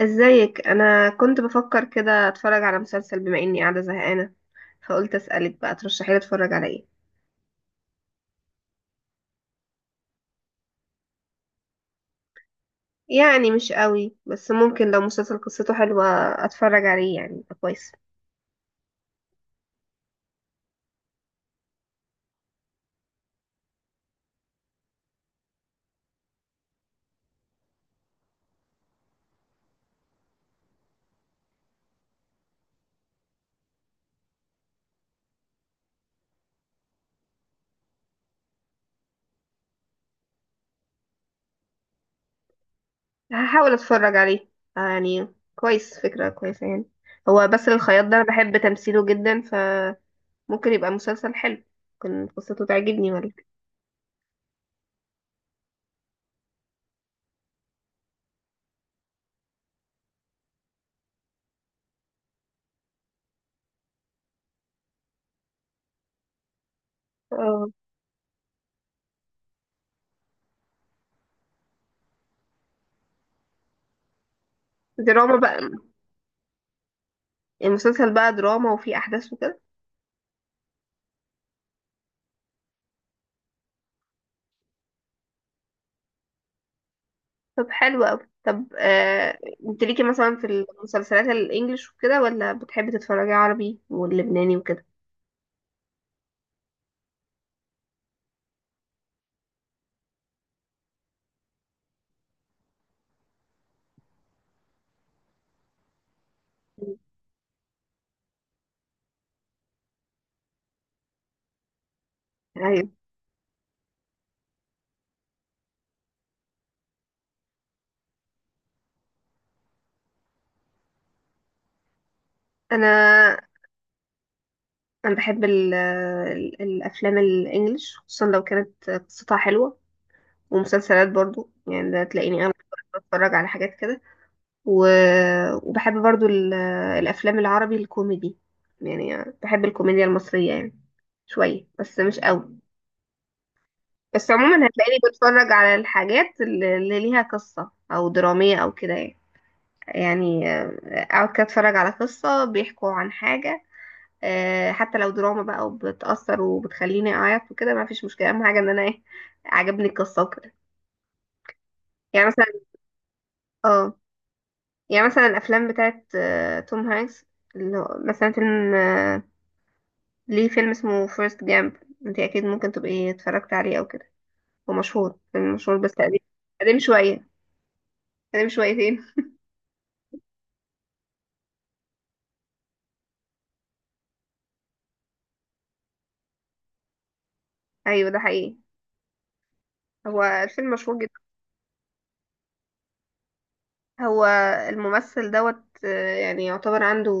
ازيك؟ انا كنت بفكر كده اتفرج على مسلسل بما اني قاعده زهقانه، فقلت اسالك بقى ترشحي لي اتفرج على ايه. يعني مش قوي، بس ممكن لو مسلسل قصته حلوه اتفرج عليه، يعني يبقى كويس. هحاول اتفرج عليه. آه يعني كويس، فكره كويسه يعني. هو بس الخياط ده انا بحب تمثيله جدا، فممكن يبقى مسلسل حلو. ممكن قصته تعجبني ولا؟ اه دراما بقى؟ المسلسل بقى دراما وفيه احداث وكده؟ طب حلو أوي. طب انت ليكي مثلا في المسلسلات الانجليش وكده، ولا بتحبي تتفرجي عربي واللبناني وكده؟ ايوه. انا انا بحب ال الافلام الانجليش خصوصا لو كانت قصتها حلوه، ومسلسلات برضو يعني. ده تلاقيني انا بتفرج على حاجات كده، و... وبحب برضو الافلام العربي الكوميدي، يعني بحب الكوميديا المصريه يعني شويه بس مش قوي. بس عموما هتلاقيني بتفرج على الحاجات اللي ليها قصة او درامية او كده يعني. يعني اقعد كده اتفرج على قصة بيحكوا عن حاجة. حتى لو دراما بقى وبتأثر وبتخليني اعيط وكده ما فيش مشكلة، اهم حاجة ان انا ايه؟ عجبني القصة وكده. يعني مثلا اه، يعني مثلا الافلام بتاعت توم هانكس، اللي هو مثلا فيلم ليه فيلم اسمه فيرست جامب. انت اكيد ممكن تبقي اتفرجت عليه او كده، هو مشهور، فيلم مشهور بس قديم. قديم شوية، قديم شويتين. ايوه ده حقيقي، هو الفيلم مشهور جدا. هو الممثل دوت يعني يعتبر عنده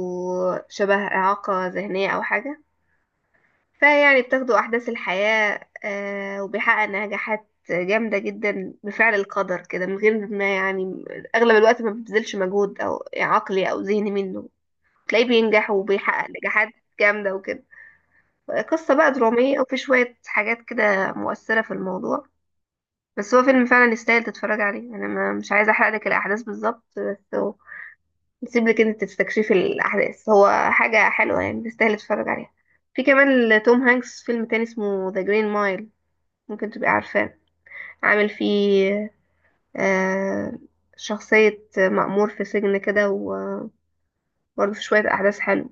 شبه إعاقة ذهنية أو حاجة، فيعني بتاخده أحداث الحياة، وبيحقق نجاحات جامدة جدا بفعل القدر كده من غير ما يعني أغلب الوقت ما بيبذلش مجهود أو عقلي أو ذهني منه. تلاقيه بينجح وبيحقق نجاحات جامدة وكده. قصة بقى درامية وفي شوية حاجات كده مؤثرة في الموضوع. بس هو فيلم فعلا يستاهل تتفرج عليه. أنا ما- مش عايزة أحرقلك الأحداث بالظبط، بس نسيب لك انت تستكشفي الاحداث. هو حاجه حلوه يعني، تستاهل تتفرج عليها. في كمان لتوم هانكس فيلم تاني اسمه ذا جرين مايل، ممكن تبقى عارفاه. عامل فيه آه شخصيه مأمور في سجن كده، وبرضه في شويه احداث حلوه.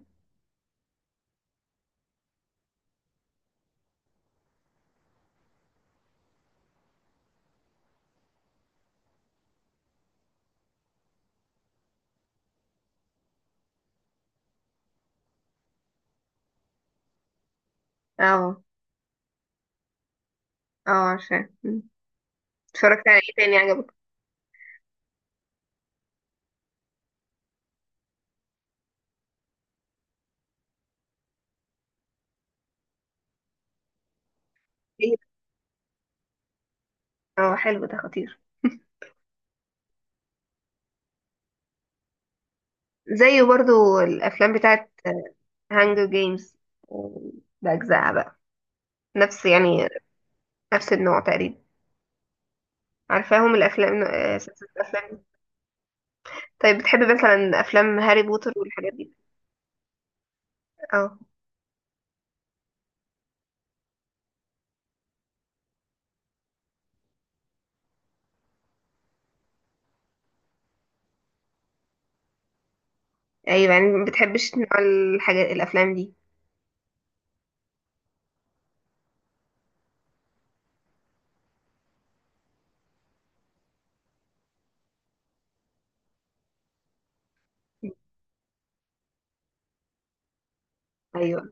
اه اه عارفاه. مم. اتفرجت على ايه تاني عجبك؟ إيه؟ اه حلو، ده خطير. زيه برضو الافلام بتاعت هانجر جيمز باجزائها بقى، نفس يعني نفس النوع تقريبا. عارفاهم الافلام، سلسله الافلام. طيب بتحب مثلا افلام هاري بوتر والحاجات دي؟ اه. ايوه يعني ما بتحبش نوع الحاجات الافلام دي؟ ايوه.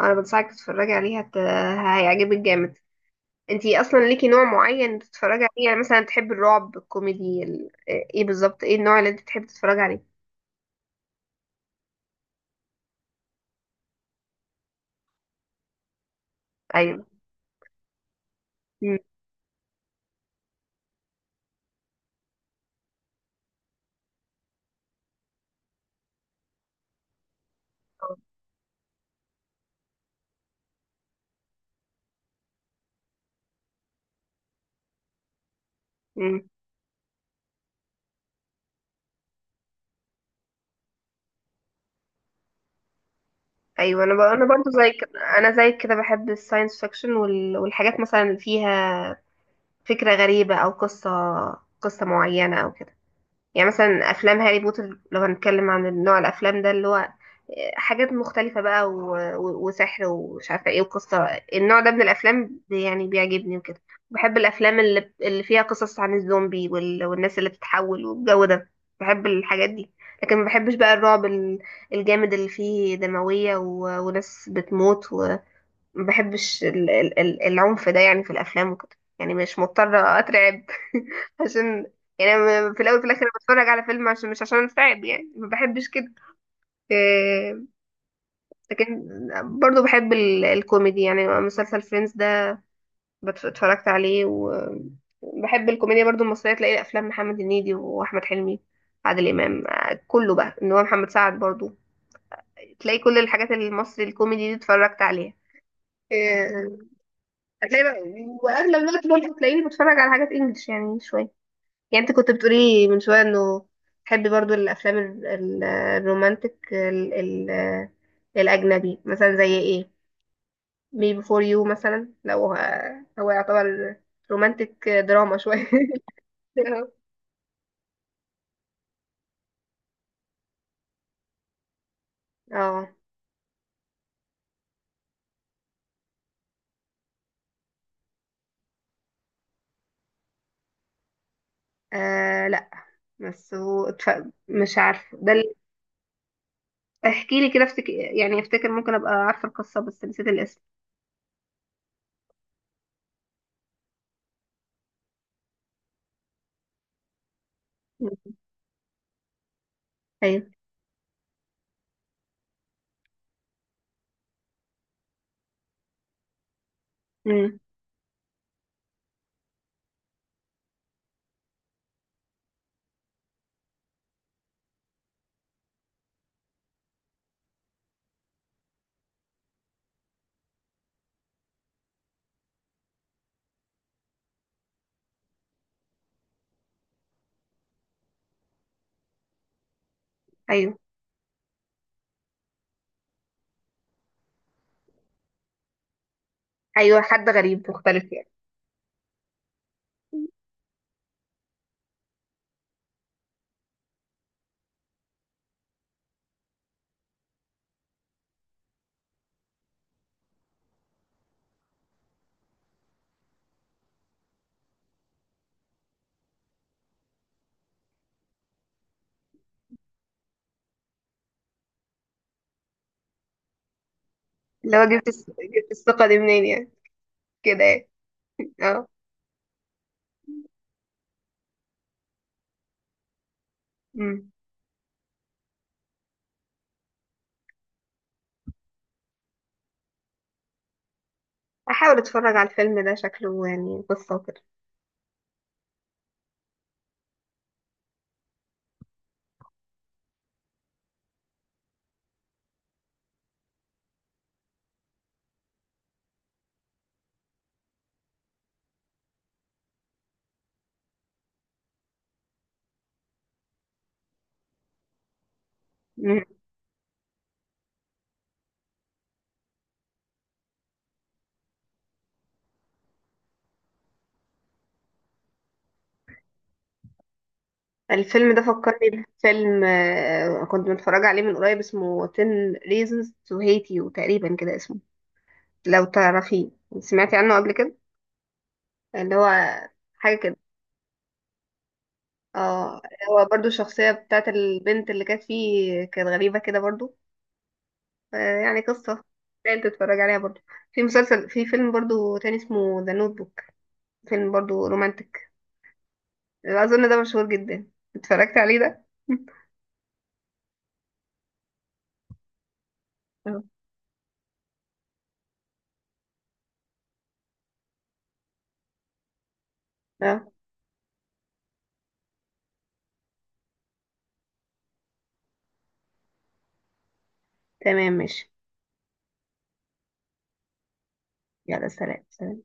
انا بنصحك تتفرجي عليها، هيعجبك جامد. انتي اصلا ليكي نوع معين تتفرجي عليه؟ يعني مثلا تحبي الرعب، الكوميدي، ايه بالظبط ايه النوع اللي انت تحبي تتفرجي عليه؟ ايوه. مم. مم. انا برضو زي كده، انا زي كده بحب الساينس فيكشن والحاجات مثلا اللي فيها فكرة غريبة او قصة، قصة معينة او كده. يعني مثلا افلام هاري بوتر، لو هنتكلم عن نوع الافلام ده اللي هو حاجات مختلفة بقى وسحر ومش عارفة ايه وقصة، النوع ده من الافلام يعني بيعجبني وكده. بحب الافلام اللي فيها قصص عن الزومبي والناس اللي بتتحول والجو ده، بحب الحاجات دي. لكن ما بحبش بقى الجامد اللي فيه دموية وناس بتموت. ما بحبش العنف ده يعني في الافلام وكده، يعني مش مضطره اترعب. عشان يعني أنا في الاول وفي الاخر بتفرج على فيلم عشان مش عشان اترعب، يعني ما بحبش كده. آه، لكن برضو بحب الكوميدي، يعني مسلسل فريندز ده اتفرجت عليه. وبحب الكوميديا برضو المصريه، تلاقي افلام محمد هنيدي واحمد حلمي عادل امام، كله بقى. ان هو محمد سعد برضو، تلاقي كل الحاجات المصري الكوميدي دي اتفرجت عليها. آه، هتلاقي بقى واغلب الوقت برضه هتلاقيني بتفرج على حاجات انجلش يعني شويه. يعني انت كنت بتقولي من شويه انه تحبي برضو الافلام الرومانتك ال الاجنبي مثلا زي ايه؟ مي بيفور يو مثلا، لو هو يعتبر رومانتك دراما شويه. اه. آه، لا. بس هو مش عارفه ده اللي، احكي لي كده افتكر يعني، افتكر ممكن ابقى عارفه القصه بس نسيت الاسم. ايوه. امم. ايوه ايوه، حد غريب مختلف يعني. اللي هو جبت الثقة دي منين يعني، كده يعني. اه. أمم. احاول اتفرج على الفيلم ده، شكله يعني قصة وكده. أمم. الفيلم ده فكرني بفيلم كنت متفرجة عليه من قريب اسمه 10 reasons to hate you تقريبا كده اسمه، لو تعرفيه. سمعتي عنه قبل كده؟ اللي هو حاجة كده. اه. هو برضو الشخصية بتاعت البنت اللي كانت فيه كانت غريبة كده برضو، آه، يعني قصة تقدر تتفرج عليها برضو. في مسلسل، في فيلم برضو تاني اسمه ذا نوت بوك، فيلم برضو رومانتك، اظن ده مشهور جدا. اتفرجت عليه ده. اه. آه. تمام ماشي. يلا سلام سلام.